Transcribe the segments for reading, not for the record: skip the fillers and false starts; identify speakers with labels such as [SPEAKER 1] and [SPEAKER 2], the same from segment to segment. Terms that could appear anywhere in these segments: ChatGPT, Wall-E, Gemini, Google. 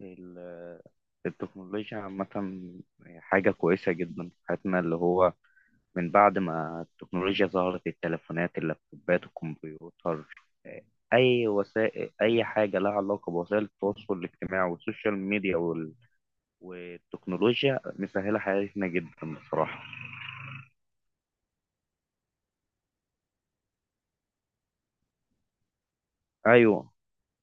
[SPEAKER 1] ال- التكنولوجيا عامة حاجة كويسة جدا في حياتنا اللي هو من بعد ما التكنولوجيا ظهرت التليفونات اللابتوبات الكمبيوتر أي وسائل أي حاجة لها علاقة بوسائل التواصل الاجتماعي والسوشيال ميديا والتكنولوجيا مسهلة حياتنا جدا بصراحة. أيوه،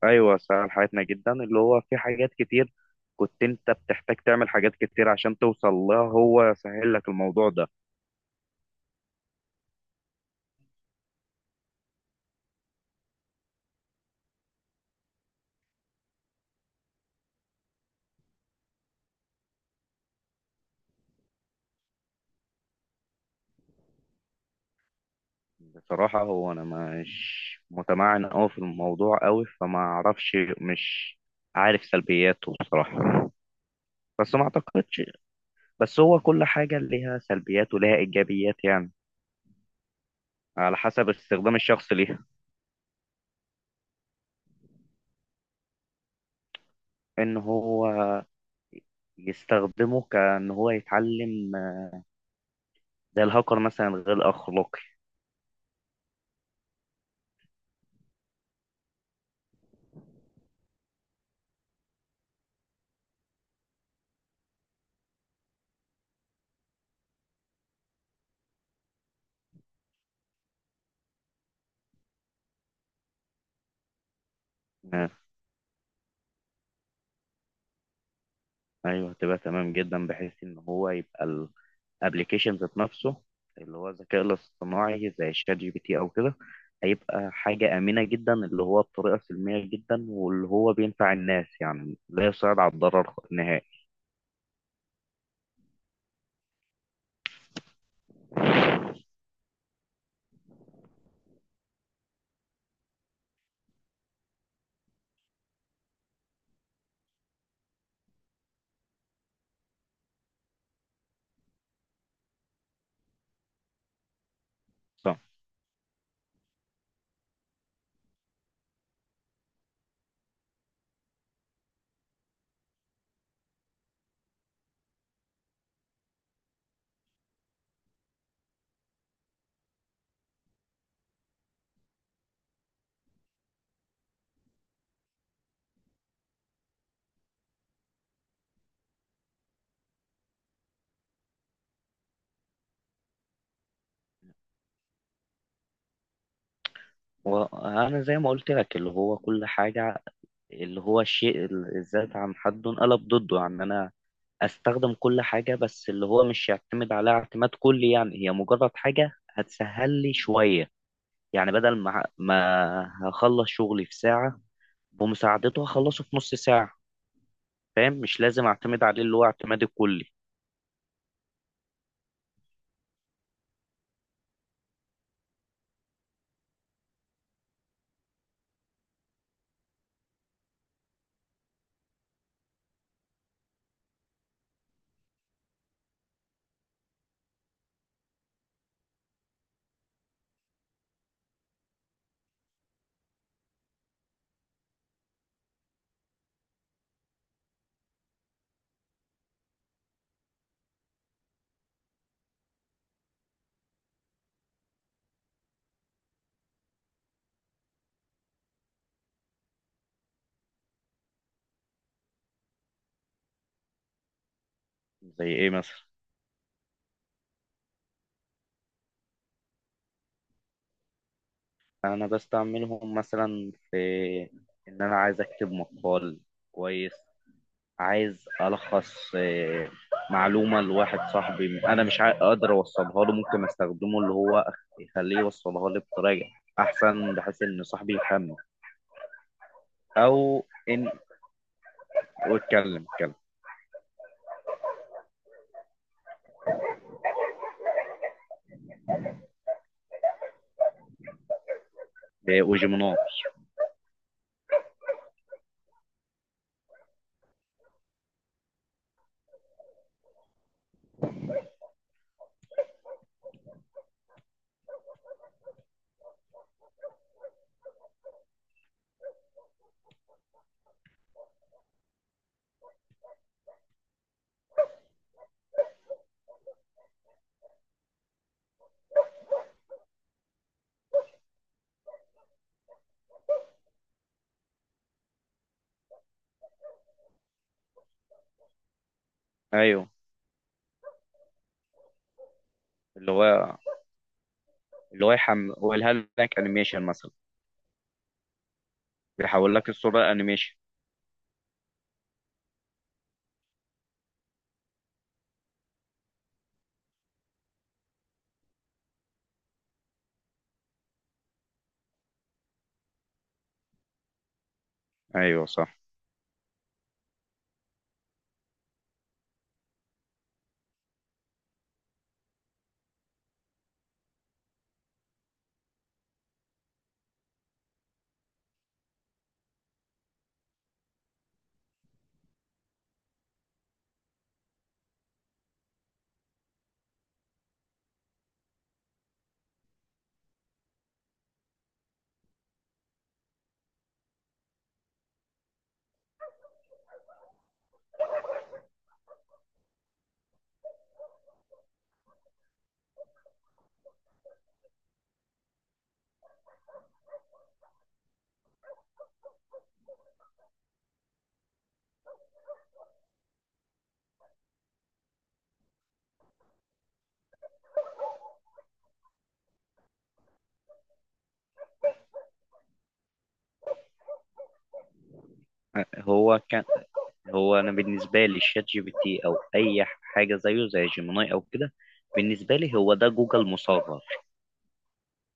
[SPEAKER 1] أيوه سهل حياتنا جدا، اللي هو في حاجات كتير كنت أنت بتحتاج تعمل حاجات كتير عشان توصل لها، هو سهل لك الموضوع ده. بصراحة هو أنا مش متمعن أوي في الموضوع أوي، فما أعرفش، مش عارف سلبياته بصراحة. بس ما أعتقدش، بس هو كل حاجة ليها سلبيات وليها إيجابيات يعني، على حسب استخدام الشخص ليها. إن هو يستخدمه كأن هو يتعلم زي الهاكر مثلا، غير أخلاقي. آه، أيوه، هتبقى تمام جدا، بحيث إن هو يبقى ابلكيشن ذات نفسه، اللي هو الذكاء الاصطناعي زي شات جي بي تي او كده، هيبقى حاجة آمنة جدا، اللي هو بطريقة سلمية جدا، واللي هو بينفع الناس يعني، لا يصعد على الضرر نهائي. صح. وأنا زي ما قلت لك، اللي هو كل حاجة اللي هو الشيء الذات عن حده انقلب ضده، يعني أنا أستخدم كل حاجة بس اللي هو مش يعتمد عليها اعتماد كلي، يعني هي مجرد حاجة هتسهل لي شوية. يعني بدل ما هخلص شغلي في ساعة، بمساعدته هخلصه في نص ساعة. فاهم؟ مش لازم اعتمد عليه اللي هو اعتمادي الكلي. زي ايه مثلا؟ انا بستعملهم مثلا في ان انا عايز اكتب مقال كويس، عايز الخص معلومة لواحد صاحبي انا مش قادر اوصلها له، ممكن استخدمه اللي هو يخليه يوصلها لي بطريقة احسن، بحيث ان صاحبي يفهمني، او ان. واتكلم وجيميناي. ايوه. اللي هو اللي هو يحمل، هو الهلك انيميشن مثلا، بيحول لك الصورة لأنيميشن. أيوه صح. هو كان، هو انا بالنسبه لي الشات جي بي تي او اي حاجه زيه زي جيميناي او كده، بالنسبه لي هو ده جوجل مصغر.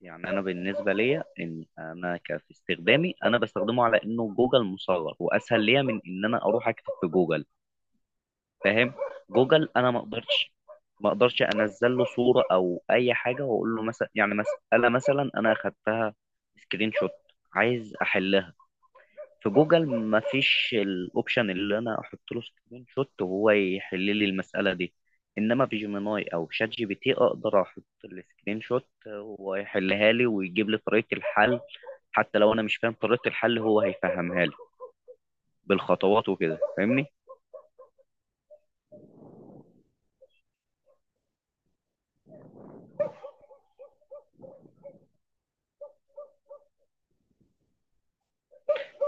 [SPEAKER 1] يعني انا بالنسبه ليا ان انا في استخدامي انا بستخدمه على انه جوجل مصغر، واسهل ليا من ان انا اروح اكتب في جوجل. فاهم؟ جوجل انا ما اقدرش، ما اقدرش انزل له صوره او اي حاجه واقول له، مثلا يعني مساله مثلا انا اخدتها سكرين شوت، عايز احلها. في جوجل مفيش الاوبشن اللي انا احط له سكرين شوت وهو يحل لي المساله دي، انما في جيميناي او شات جي بي تي اقدر احط السكرين شوت وهو يحلها لي ويجيب لي طريقه الحل. حتى لو انا مش فاهم طريقه الحل هو هيفهمها لي بالخطوات وكده، فاهمني.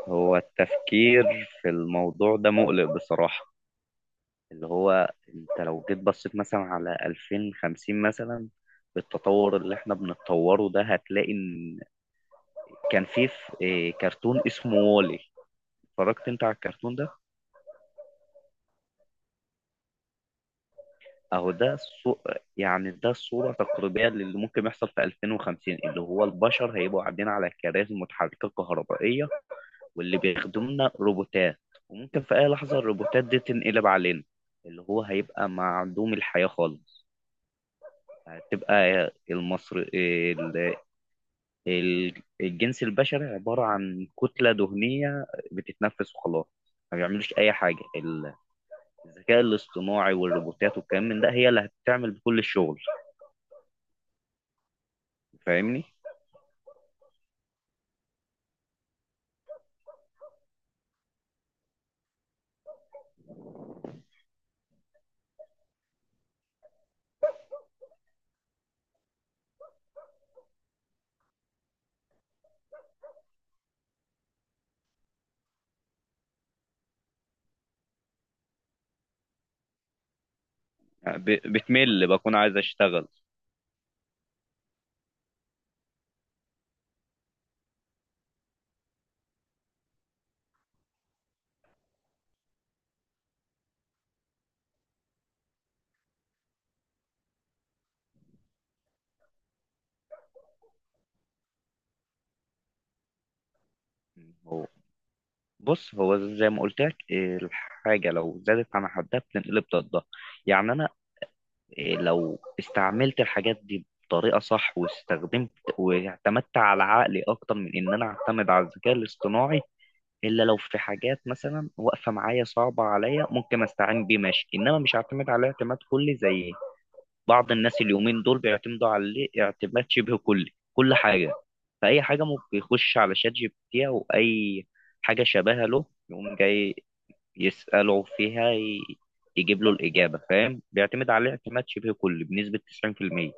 [SPEAKER 1] هو التفكير في الموضوع ده مقلق بصراحه، اللي هو انت لو جيت بصيت مثلا على 2050 مثلا، بالتطور اللي احنا بنتطوره ده هتلاقي ان، كان في ف- إيه، كرتون اسمه وولي. اتفرجت انت على الكرتون ده؟ اهو ده يعني ده الصورة تقريبية للي ممكن يحصل في 2050، اللي هو البشر هيبقوا قاعدين على كراسي متحركة كهربائية، واللي بيخدمنا روبوتات، وممكن في اي لحظة الروبوتات دي تنقلب علينا، اللي هو هيبقى معدوم الحياة خالص. هتبقى المصر ال- الجنس البشري عبارة عن كتلة دهنية بتتنفس وخلاص، ما بيعملوش أي حاجة. الذكاء الاصطناعي والروبوتات والكلام من ده هي اللي هتعمل بكل الشغل، فاهمني؟ بتمل، بكون عايز اشتغل. هو بص، هو زي ما قلت لك الحاجة لو زادت عن حدها بتنقلب ضدها، يعني أنا لو استعملت الحاجات دي بطريقة صح، واستخدمت واعتمدت على عقلي أكتر من إن أنا أعتمد على الذكاء الاصطناعي، إلا لو في حاجات مثلا واقفة معايا صعبة عليا ممكن أستعين بيه ماشي، إنما مش هعتمد عليه اعتماد كلي زي بعض الناس اليومين دول بيعتمدوا عليه اعتماد شبه كلي، كل حاجة فأي حاجة ممكن يخش على شات جي بي تي أو أي حاجة شبيهة له يقوم جاي يسأله فيها، يجيب له الإجابة. فاهم؟ بيعتمد عليه اعتماد شبه كلي بنسبة 90%.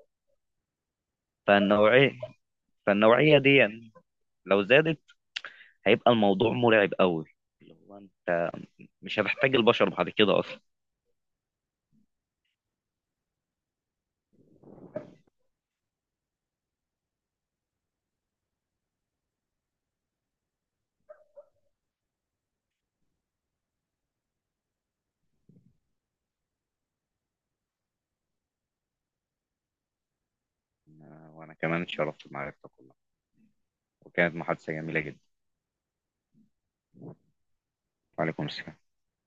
[SPEAKER 1] فالنوعية فالنوعية دي يعني لو زادت هيبقى الموضوع مرعب قوي، اللي هو أنت مش هتحتاج البشر بعد كده أصلا. وأنا كمان اتشرفت بمعرفتك والله، وكانت محادثة جميلة جدا. وعليكم السلام.